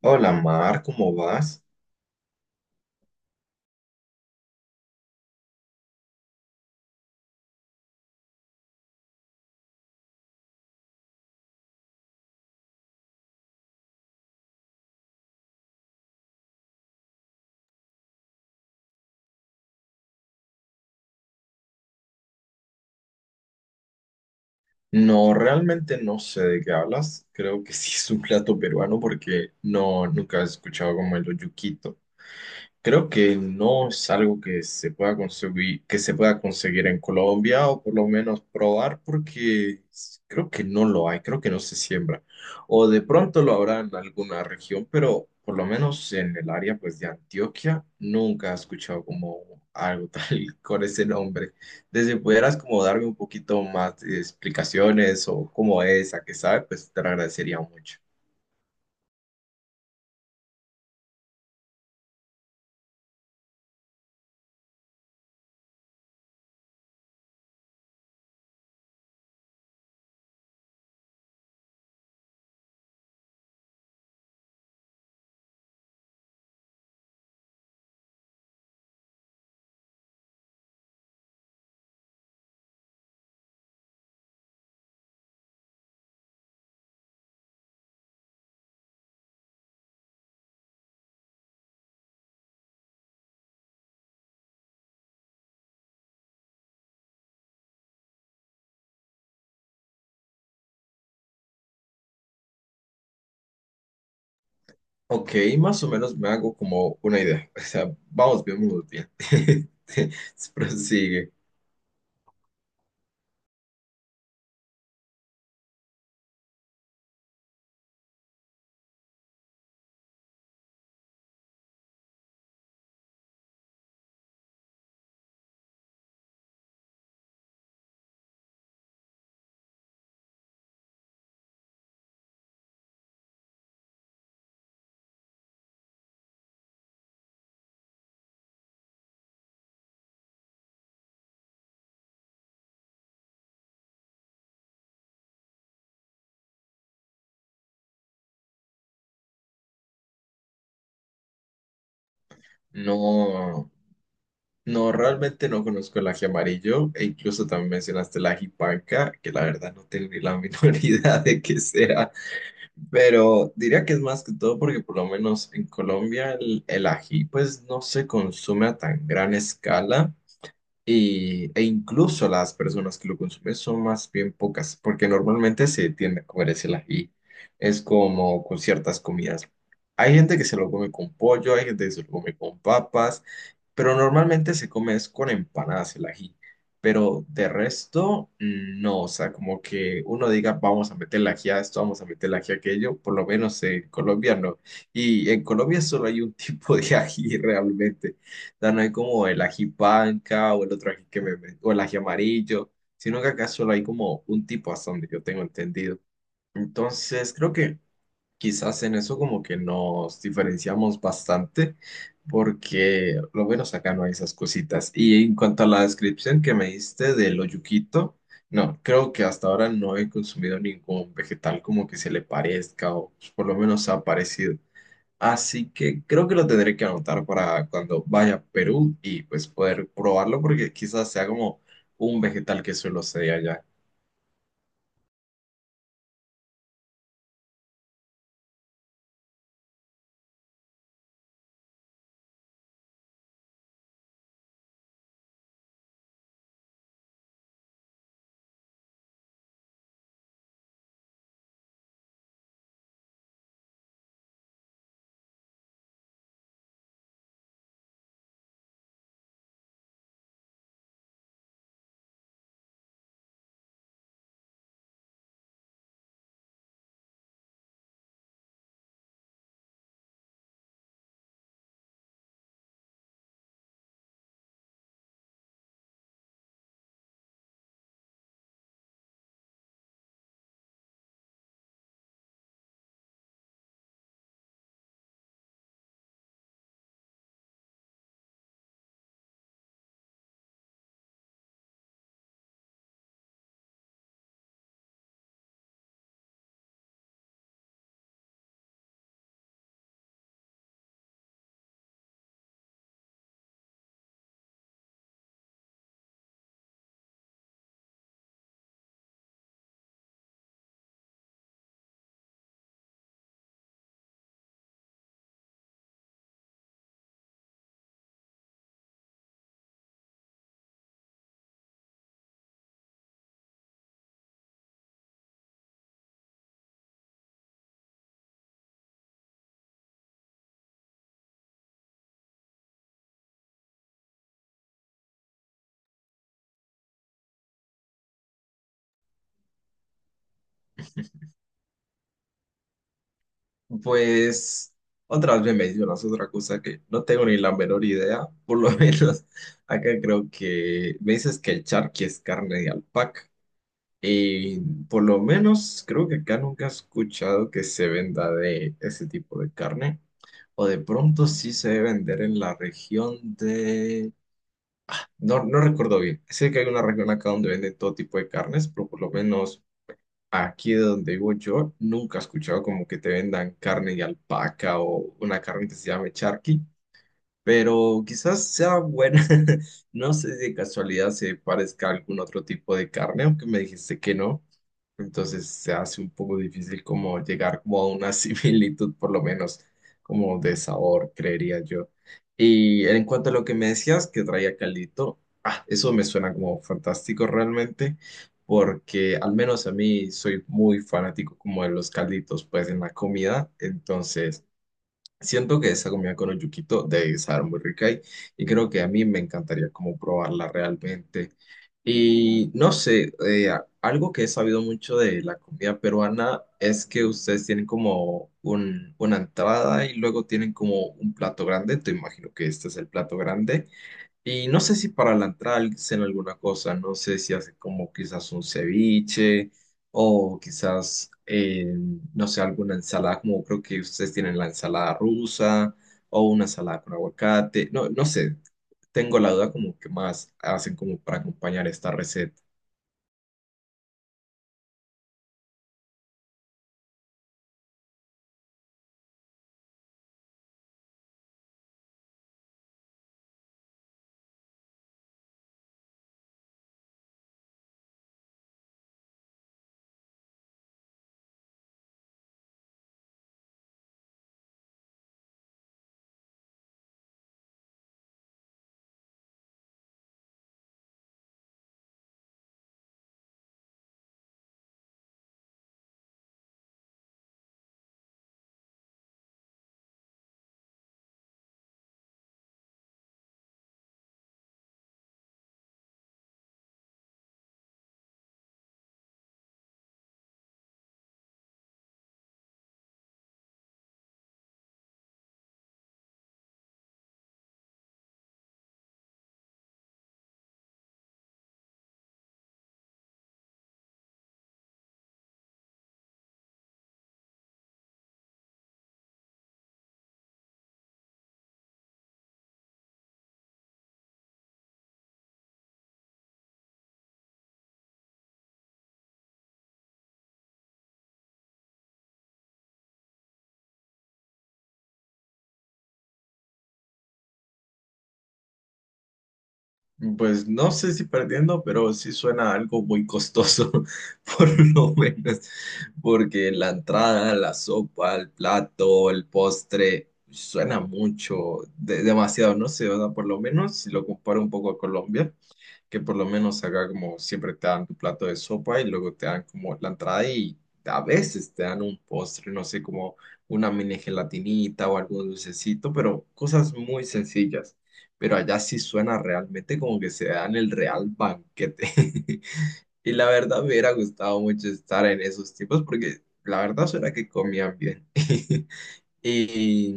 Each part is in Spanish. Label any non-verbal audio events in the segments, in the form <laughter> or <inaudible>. Hola Mar, ¿cómo vas? No, realmente no sé de qué hablas. Creo que sí es un plato peruano porque no, nunca he escuchado como el olluquito. Creo que no es algo que se pueda conseguir, que se pueda conseguir en Colombia o por lo menos probar porque creo que no lo hay, creo que no se siembra. O de pronto lo habrá en alguna región, pero por lo menos en el área pues de Antioquia nunca he escuchado como algo <laughs> tal con ese nombre. Desde pudieras como darme un poquito más de explicaciones o cómo es, a qué sabe, pues te lo agradecería mucho. Ok, más o menos me hago como una idea. O sea, vamos bien, vamos bien. <laughs> Prosigue. No, no, realmente no conozco el ají amarillo e incluso también mencionaste el ají panca, que la verdad no tengo ni la <laughs> menor idea de qué sea, pero diría que es más que todo porque por lo menos en Colombia el ají pues no se consume a tan gran escala. Y, e incluso las personas que lo consumen son más bien pocas, porque normalmente se tiende a comer ese ají. Es como con ciertas comidas. Hay gente que se lo come con pollo, hay gente que se lo come con papas, pero normalmente se come es con empanadas el ají. Pero de resto, no, o sea, como que uno diga, vamos a meter el ají a esto, vamos a meter el ají a aquello, por lo menos en Colombia no. Y en Colombia solo hay un <laughs> tipo de ají realmente sea, no hay como el ají panca o el otro ají que o el ají amarillo, sino que acá solo hay como un tipo hasta donde yo tengo entendido. Entonces, creo que quizás en eso como que nos diferenciamos bastante, porque lo menos acá no hay esas cositas. Y en cuanto a la descripción que me diste del oyuquito, no, creo que hasta ahora no he consumido ningún vegetal como que se le parezca o por lo menos ha parecido. Así que creo que lo tendré que anotar para cuando vaya a Perú y pues poder probarlo porque quizás sea como un vegetal que suelo ser allá. Pues otra vez me mencionas otra cosa que no tengo ni la menor idea, por lo <laughs> menos acá creo que me dices que el charqui es carne de alpaca y por lo menos creo que acá nunca he escuchado que se venda de ese tipo de carne. O de pronto sí se debe vender en la región de No, no recuerdo bien. Sé que hay una región acá donde venden todo tipo de carnes, pero por lo menos aquí de donde vivo yo nunca he escuchado como que te vendan carne de alpaca o una carne que se llame charqui pero quizás sea buena. <laughs> No sé si de casualidad se parezca a algún otro tipo de carne, aunque me dijiste que no. Entonces se hace un poco difícil como llegar como a una <laughs> similitud, por lo menos como de sabor, creería yo. Y en cuanto a lo que me decías que traía caldito, ah, eso me suena como fantástico realmente, porque al menos a mí soy muy fanático como de los calditos pues en la comida, entonces... Siento que esa comida con oyuquito debe estar muy rica y creo que a mí me encantaría como probarla realmente. Y no sé, algo que he sabido mucho de la comida peruana es que ustedes tienen como una entrada y luego tienen como un plato grande. Te imagino que este es el plato grande y no sé si para la entrada hacen alguna cosa, no sé si hacen como quizás un ceviche o quizás, no sé, alguna ensalada, como creo que ustedes tienen la ensalada rusa o una ensalada con aguacate, no, no sé, tengo la duda como que más hacen como para acompañar esta receta. Pues no sé si perdiendo, pero sí suena algo muy costoso, <laughs> por lo menos, porque la entrada, la sopa, el plato, el postre, suena mucho, demasiado, no sé, o sea, por lo menos si lo comparo un poco a Colombia, que por lo menos acá como siempre te dan tu plato de sopa y luego te dan como la entrada y a veces te dan un postre, no sé, como una mini gelatinita o algún dulcecito, pero cosas muy sencillas. Pero allá sí suena realmente como que se dan el real banquete. <laughs> Y la verdad me hubiera gustado mucho estar en esos tiempos porque la verdad suena que comían bien. <laughs> Y,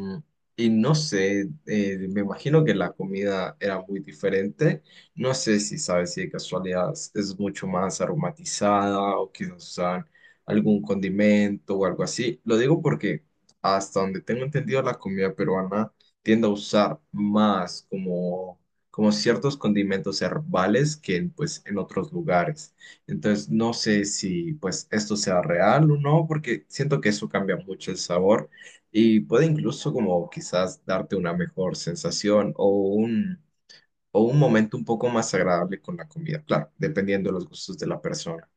y no sé, me imagino que la comida era muy diferente. No sé si sabes si de casualidad es mucho más aromatizada o quizás usan algún condimento o algo así. Lo digo porque hasta donde tengo entendido la comida peruana tiende a usar más como, como ciertos condimentos herbales que en, pues, en otros lugares. Entonces no sé si pues esto sea real o no porque siento que eso cambia mucho el sabor y puede incluso como quizás darte una mejor sensación o o un momento un poco más agradable con la comida, claro, dependiendo de los gustos de la persona.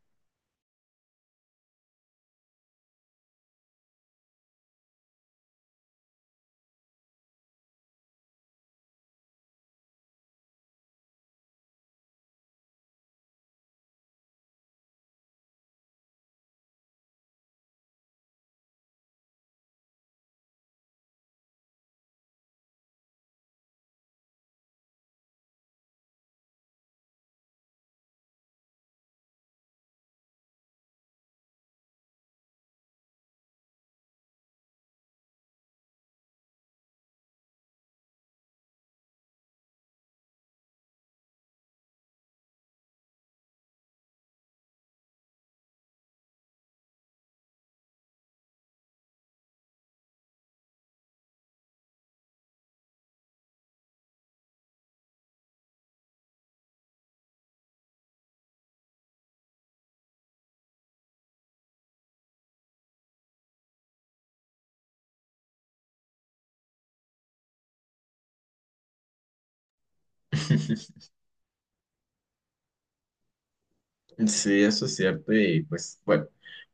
<laughs> Sí, eso es cierto y pues bueno,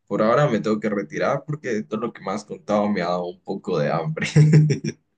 por ahora me tengo que retirar porque todo lo que me has contado me ha dado un poco de hambre. <laughs>